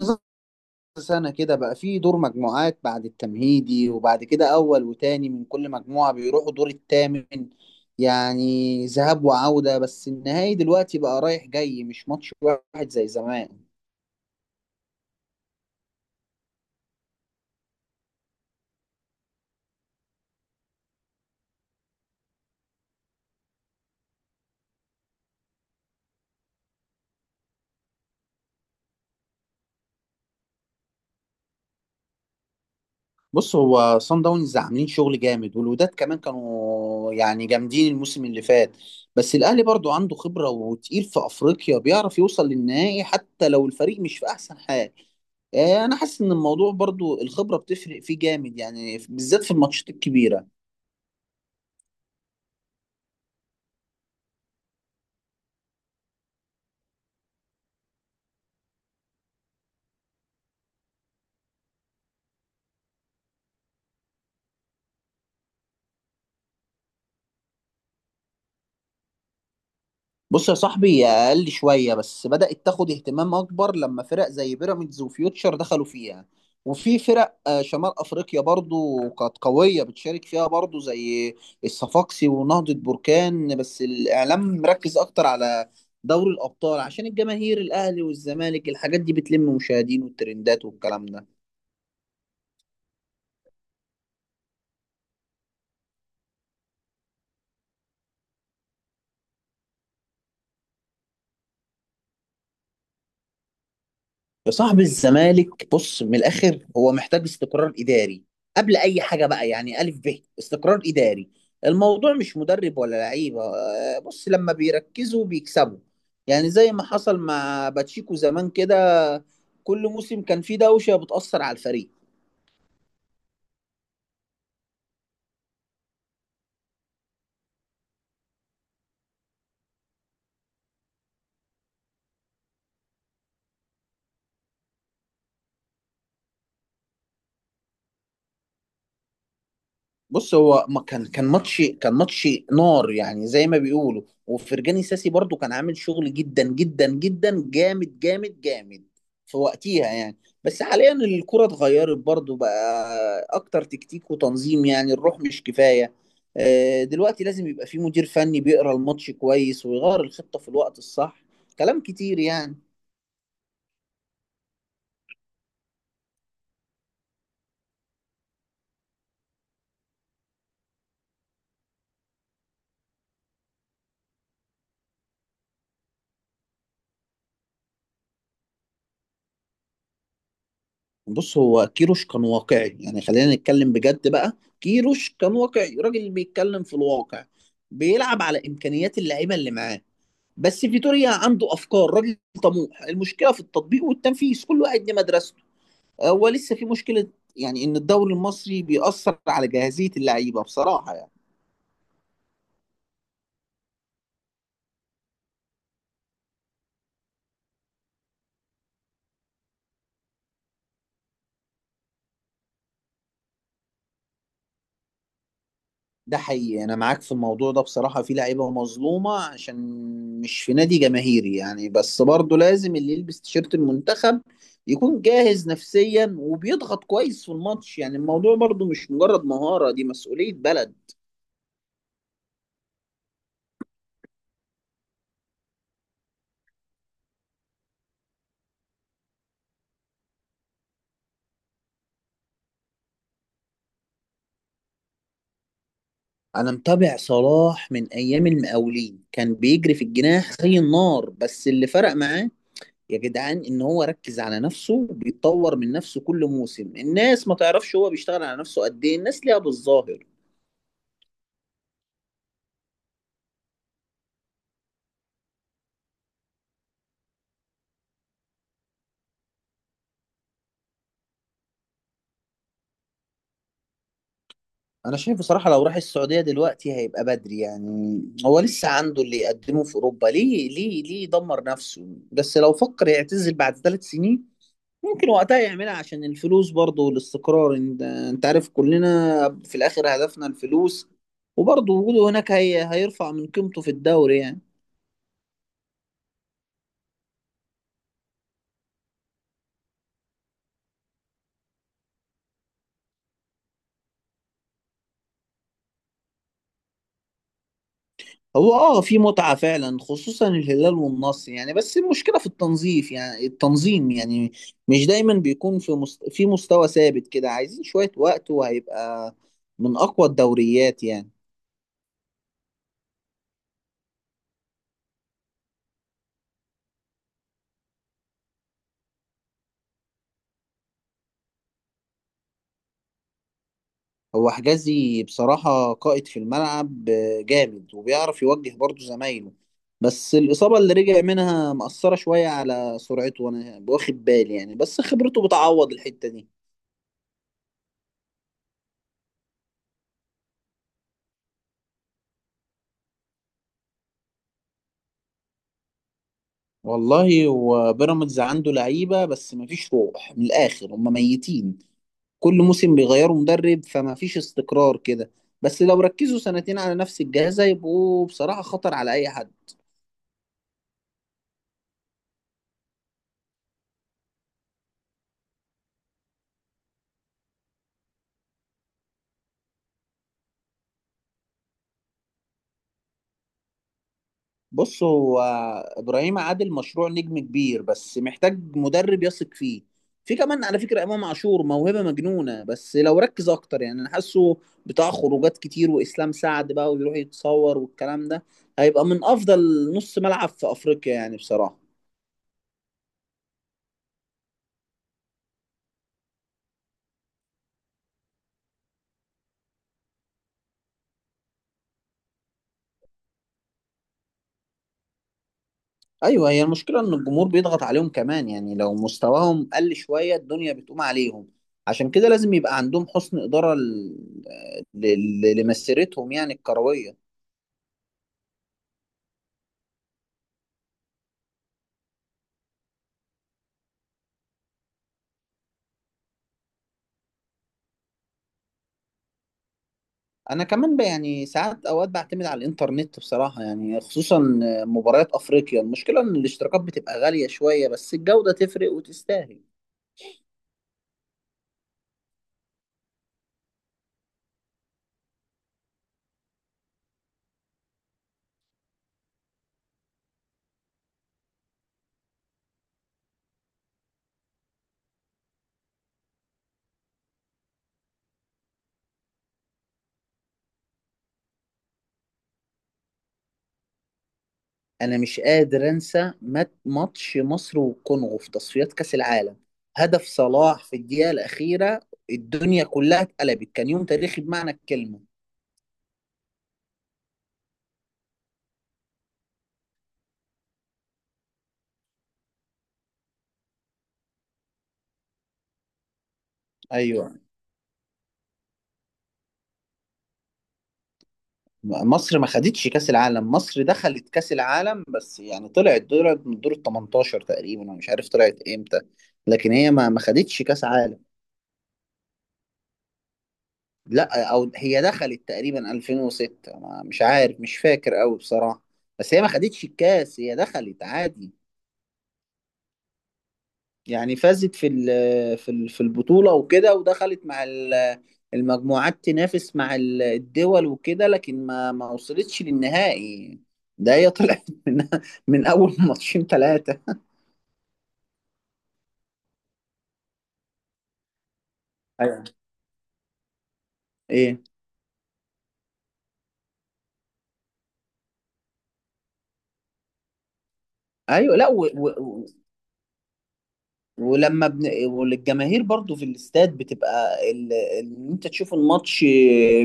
بالظبط. سنة كده بقى في دور مجموعات بعد التمهيدي، وبعد كده أول وتاني من كل مجموعة بيروحوا دور التامن. يعني ذهاب وعودة، بس النهائي دلوقتي بقى رايح جاي، مش ماتش واحد زي زمان. بص، هو صن داونز عاملين شغل جامد، والوداد كمان كانوا يعني جامدين الموسم اللي فات. بس الأهلي برضو عنده خبرة وتقيل في أفريقيا، بيعرف يوصل للنهائي حتى لو الفريق مش في أحسن حال. انا حاسس ان الموضوع برضو الخبره بتفرق فيه جامد، يعني بالذات في الماتشات الكبيره. بص يا صاحبي، هي اقل شويه، بس بدات تاخد اهتمام اكبر لما فرق زي بيراميدز وفيوتشر دخلوا فيها. وفي فرق شمال افريقيا برضو كانت قويه بتشارك فيها برضو، زي الصفاقسي ونهضه بركان، بس الاعلام مركز اكتر على دوري الابطال عشان الجماهير، الاهلي والزمالك، الحاجات دي بتلم مشاهدين والترندات والكلام ده. يا صاحبي الزمالك، بص، من الاخر هو محتاج استقرار اداري قبل اي حاجه بقى، يعني الف ب استقرار اداري. الموضوع مش مدرب ولا لعيبه. بص، لما بيركزوا بيكسبوا، يعني زي ما حصل مع باتشيكو زمان كده. كل موسم كان فيه دوشه بتاثر على الفريق. بص هو ما كان كان ماتش، ماتش نار، يعني زي ما بيقولوا. وفرجاني ساسي برضو كان عامل شغل جدا جدا جدا جامد جامد جامد في وقتها يعني. بس حاليا الكرة اتغيرت برضو، بقى اكتر تكتيك وتنظيم، يعني الروح مش كفاية. دلوقتي لازم يبقى في مدير فني بيقرا الماتش كويس ويغير الخطة في الوقت الصح. كلام كتير يعني. بص هو كيروش كان واقعي، يعني خلينا نتكلم بجد بقى. كيروش كان واقعي، راجل بيتكلم في الواقع، بيلعب على امكانيات اللعيبه اللي معاه. بس فيتوريا عنده افكار، راجل طموح، المشكله في التطبيق والتنفيذ. كل واحد ليه مدرسته. هو لسه في مشكله، يعني ان الدوري المصري بيأثر على جاهزيه اللعيبه بصراحه. ده حقيقي، انا معاك في الموضوع ده. بصراحة في لعيبة مظلومة عشان مش في نادي جماهيري يعني، بس برضه لازم اللي يلبس تيشيرت المنتخب يكون جاهز نفسيا، وبيضغط كويس في الماتش. يعني الموضوع برضه مش مجرد مهارة، دي مسؤولية بلد. انا متابع صلاح من ايام المقاولين، كان بيجري في الجناح زي النار. بس اللي فرق معاه يا جدعان ان هو ركز على نفسه، بيتطور من نفسه كل موسم. الناس ما تعرفش هو بيشتغل على نفسه قد ايه، الناس ليها بالظاهر. انا شايف بصراحه لو راح السعوديه دلوقتي هيبقى بدري، يعني هو لسه عنده اللي يقدمه في اوروبا، ليه ليه يدمر نفسه؟ بس لو فكر يعتزل بعد ثلاث سنين، ممكن وقتها يعملها عشان الفلوس برضه، والاستقرار. انت عارف كلنا في الاخر هدفنا الفلوس. وبرضه وجوده هناك هيرفع من قيمته في الدوري يعني. هو اه، في متعة فعلا، خصوصا الهلال والنصر يعني، بس المشكلة في التنظيف، يعني التنظيم يعني. مش دايما بيكون في في مستوى ثابت كده. عايزين شوية وقت وهيبقى من أقوى الدوريات يعني. هو حجازي بصراحة قائد في الملعب، جامد وبيعرف يوجه برضه زمايله. بس الإصابة اللي رجع منها مأثرة شوية على سرعته، وأنا واخد بالي يعني، بس خبرته بتعوض الحتة دي. والله هو بيراميدز عنده لعيبه، بس مفيش روح، من الاخر هم ميتين. كل موسم بيغيروا مدرب، فمفيش استقرار كده. بس لو ركزوا سنتين على نفس الجهاز هيبقوا بصراحه خطر على اي حد. بص هو ابراهيم عادل مشروع نجم كبير، بس محتاج مدرب يثق فيه. في كمان على فكره امام عاشور، موهبه مجنونه، بس لو ركز اكتر يعني، انا حاسه بتاع خروجات كتير، واسلام سعد بقى ويروح يتصور والكلام ده. هيبقى من افضل نص ملعب في افريقيا يعني بصراحه. ايوه، هي المشكله ان الجمهور بيضغط عليهم كمان. يعني لو مستواهم قل شويه الدنيا بتقوم عليهم. عشان كده لازم يبقى عندهم حسن اداره ل- ل- لمسيرتهم يعني الكرويه. انا كمان يعني ساعات اوقات بعتمد على الانترنت بصراحه، يعني خصوصا مباريات افريقيا. المشكله ان الاشتراكات بتبقى غاليه شويه، بس الجوده تفرق وتستاهل. انا مش قادر انسى ماتش مصر والكونغو في تصفيات كاس العالم، هدف صلاح في الدقيقه الاخيره. الدنيا كلها اتقلبت، كان يوم تاريخي بمعنى الكلمه. ايوه. مصر ما خدتش كاس العالم، مصر دخلت كاس العالم بس، يعني طلعت دور من دور ال 18 تقريبا، انا مش عارف طلعت امتى. لكن هي ما خدتش كاس عالم. لا، او هي دخلت تقريبا 2006، مش عارف، مش فاكر قوي بصراحه. بس هي ما خدتش الكاس، هي دخلت عادي. يعني فازت في في البطولة وكده، ودخلت مع المجموعات، تنافس مع الدول وكده، لكن ما وصلتش للنهائي. ده هي طلعت من من اول ماتشين ثلاثة. ايوه. ايه. ايوه. لا، ولما والجماهير برضو في الاستاد بتبقى ان انت تشوف الماتش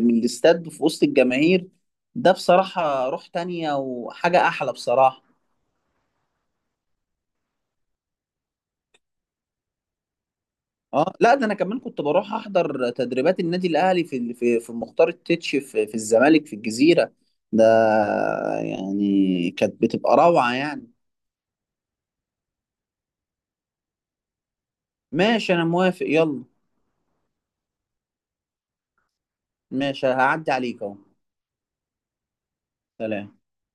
من الاستاد في وسط الجماهير، ده بصراحة روح تانية، وحاجة احلى بصراحة. اه لا، ده انا كمان كنت بروح احضر تدريبات النادي الاهلي في في مختار التتش، في الزمالك، في الجزيره ده، يعني كانت بتبقى روعه يعني. ماشي، انا موافق، يلا. ماشي، هعدي عليك اهو. سلام.